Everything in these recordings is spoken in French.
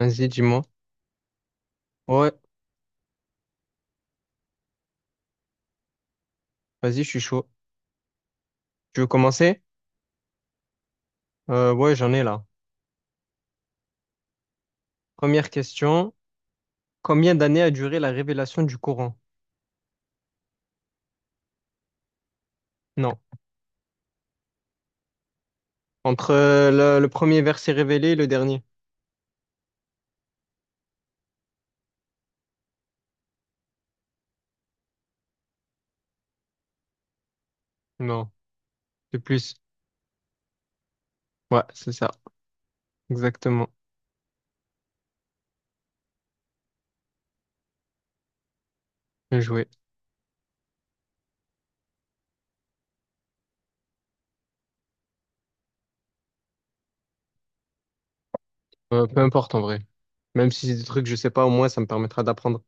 Vas-y, dis-moi. Ouais, vas-y, je suis chaud. Tu veux commencer? Ouais, j'en ai là. Première question. Combien d'années a duré la révélation du Coran? Non. Entre le premier verset révélé et le dernier? Non. C'est plus. Ouais, c'est ça. Exactement. Bien joué. Peu importe en vrai. Même si c'est des trucs que je sais pas, au moins ça me permettra d'apprendre.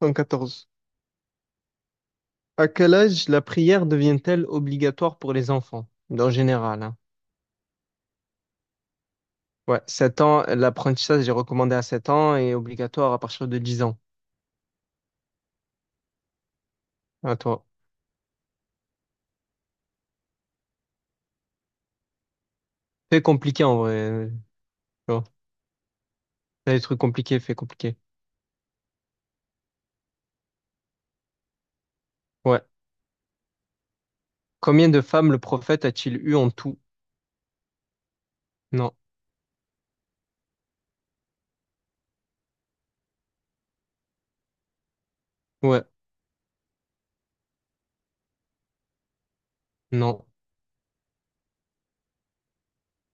114. À quel âge la prière devient-elle obligatoire pour les enfants? En général, hein. Ouais, 7 ans. L'apprentissage est recommandé à 7 ans et obligatoire à partir de 10 ans. À toi. Fait compliqué en vrai. Tu vois. T'as des trucs compliqués, fait compliqué. Ouais. Combien de femmes le prophète a-t-il eu en tout? Non. Ouais. Non.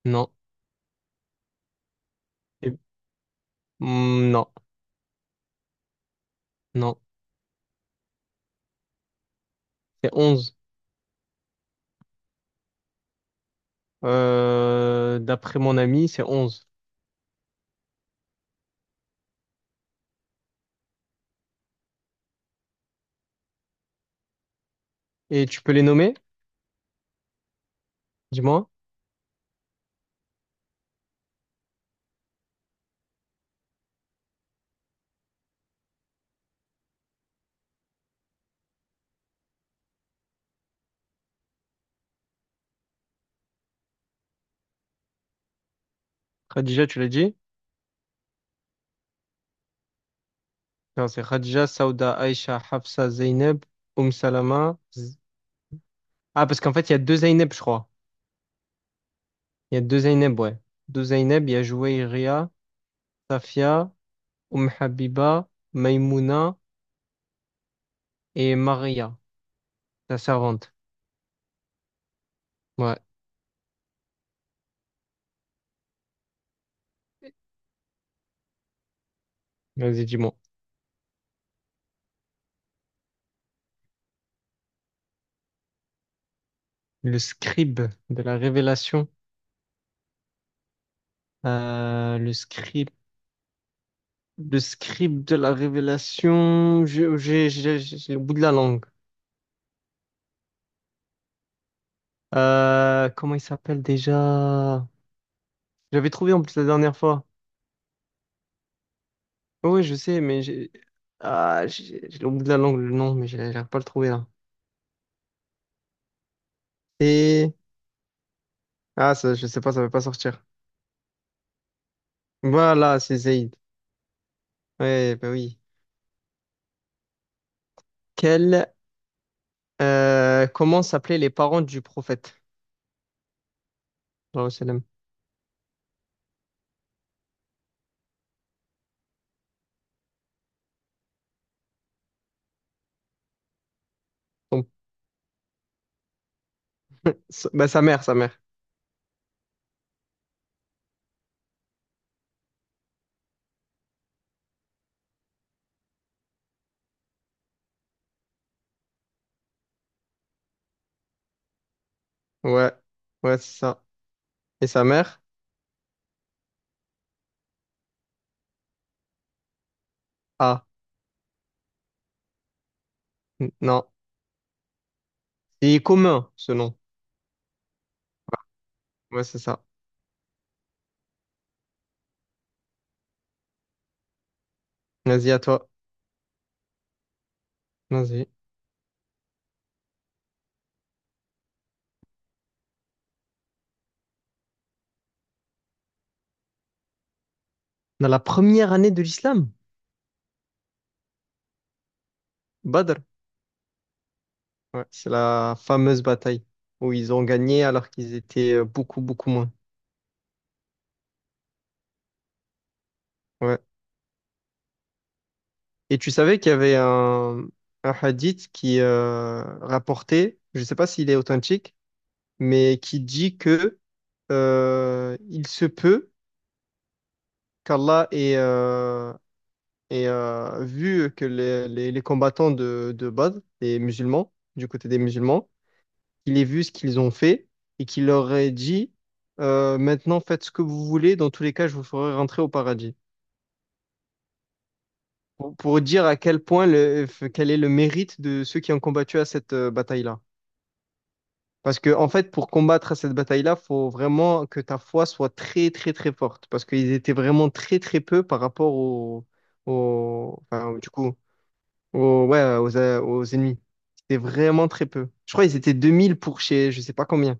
Non. Et- Hmm, non. Non. C'est 11. D'après mon ami, c'est 11. Et tu peux les nommer? Dis-moi. Khadija, tu l'as dit? Non, c'est Khadija, Sauda, Aïcha, Hafsa, Zeynep, Salama. Ah, parce qu'en fait, il y a deux Zeynep, je crois. Il y a deux Zeynep, ouais. Deux Zeynep, il y a Jouairia, Safia, Habiba, Maimouna. Et Maria, la servante. Ouais, vas-y, dis-moi. Le scribe de la révélation. Euh, le scribe, le scribe de la révélation. J'ai le bout de la langue. Comment il s'appelle déjà? J'avais trouvé en plus la dernière fois. Oui, je sais, mais j'ai ah, j'ai le bout de la langue, le nom, mais j'arrive pas à le trouver là. Et ah, ça, je sais pas, ça va pas sortir. Voilà, c'est Zayd. Ouais, bah oui. Quel, Comment s'appelaient les parents du prophète? Genre, c'est la- son- sa- bah, sa mère. Ouais, ouais, c'est ça. Et sa mère? Ah, non. C'est commun, ce nom. Ouais, c'est ça. Vas-y, à toi. Vas-y. Dans la première année de l'islam, Badr. Ouais, c'est la fameuse bataille où ils ont gagné alors qu'ils étaient beaucoup, beaucoup moins. Ouais. Et tu savais qu'il y avait un hadith qui rapportait, je ne sais pas s'il est authentique, mais qui dit que il se peut qu'Allah ait, et vu que les combattants de base, les musulmans, du côté des musulmans, il ait vu ce qu'ils ont fait et qu'il leur ait dit maintenant faites ce que vous voulez, dans tous les cas, je vous ferai rentrer au paradis. Pour dire à quel point, quel est le mérite de ceux qui ont combattu à cette bataille-là. Parce que, en fait, pour combattre à cette bataille-là, faut vraiment que ta foi soit très, très, très forte. Parce qu'ils étaient vraiment très, très peu par rapport enfin, du coup, aux ennemis. C'était vraiment très peu. Je crois qu'ils étaient 2000 pour chez je sais pas combien.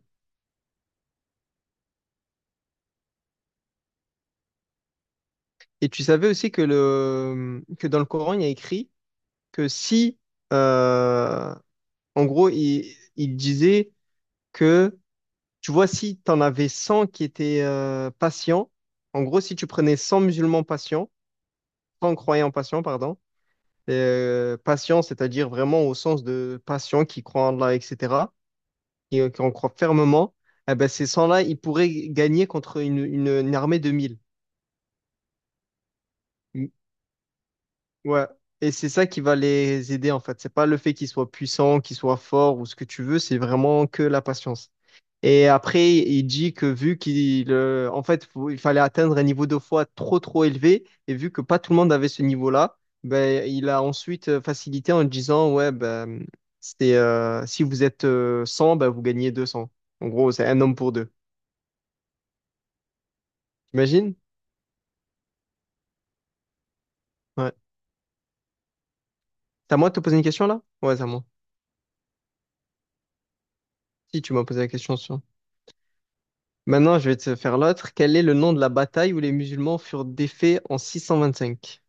Et tu savais aussi que, que dans le Coran, il y a écrit que si, euh, en gros, il disait que, tu vois, si tu en avais 100 qui étaient patients, en gros, si tu prenais 100 musulmans patients, 100 croyants patients, pardon, patients, c'est-à-dire vraiment au sens de patients qui croient en Allah, etc., qui en croient fermement, eh ben, ces 100 là ils pourraient gagner contre une armée de 1000. Mm. Ouais. Et c'est ça qui va les aider, en fait. C'est pas le fait qu'ils soient puissants, qu'ils soient forts ou ce que tu veux, c'est vraiment que la patience. Et après, il dit que vu en fait, il fallait atteindre un niveau de foi trop, trop élevé, et vu que pas tout le monde avait ce niveau-là, ben, il a ensuite facilité en disant, ouais, ben, si vous êtes 100, ben, vous gagnez 200. En gros, c'est un homme pour deux. T'imagines? Ouais. C'est à moi de te poser une question là? Ouais, c'est à moi. Si tu m'as posé la question sur. Maintenant, je vais te faire l'autre. Quel est le nom de la bataille où les musulmans furent défaits en 625?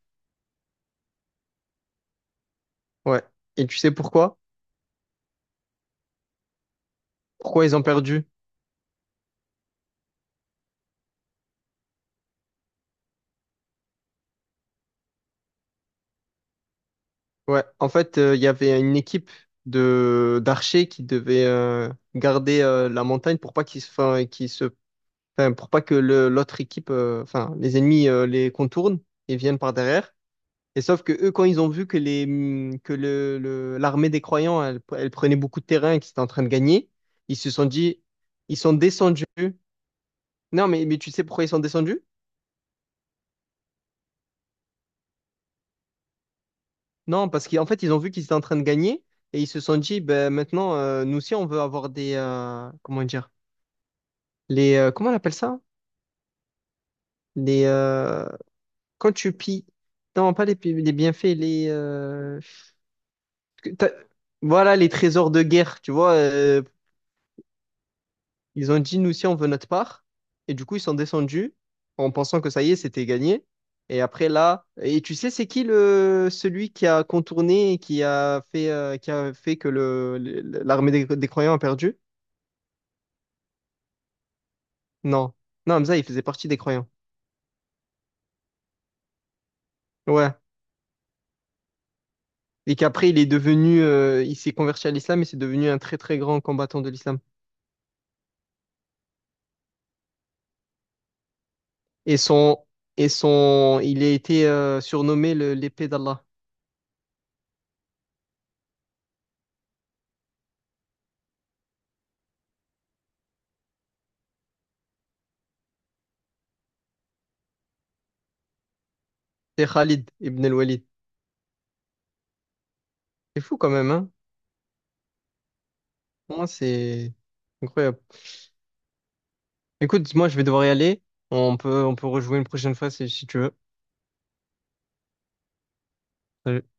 Ouais. Et tu sais pourquoi? Pourquoi ils ont perdu? Ouais. En fait, il y avait une équipe de d'archers qui devait garder la montagne pour pas enfin, enfin, pour pas que l'autre équipe, enfin, les ennemis les contournent et viennent par derrière. Et sauf que eux, quand ils ont vu que les, que le- l'armée des croyants, elle prenait beaucoup de terrain et qu'ils étaient en train de gagner, ils se sont dit, ils sont descendus. Non, mais tu sais pourquoi ils sont descendus? Non, parce qu'en fait, ils ont vu qu'ils étaient en train de gagner et ils se sont dit, ben maintenant, nous aussi, on veut avoir des, comment dire, comment on appelle ça? Les, euh, quand tu pilles, non, pas les, pi- les bienfaits, que t'as- voilà, les trésors de guerre, tu vois, ils ont dit, nous aussi, on veut notre part. Et du coup, ils sont descendus en pensant que ça y est, c'était gagné. Et après, là, et tu sais, c'est qui le celui qui a contourné et qui a fait que l'armée des croyants a perdu? Non. Non, Hamza, il faisait partie des croyants. Ouais. Et qu'après, il s'est converti à l'islam et c'est devenu un très, très grand combattant de l'islam. Et son, il a été surnommé l'épée d'Allah. C'est Khalid ibn al-Walid. C'est fou quand même, hein? Pour moi, c'est incroyable. Écoute, moi je vais devoir y aller. On peut rejouer une prochaine fois si tu veux. Salut.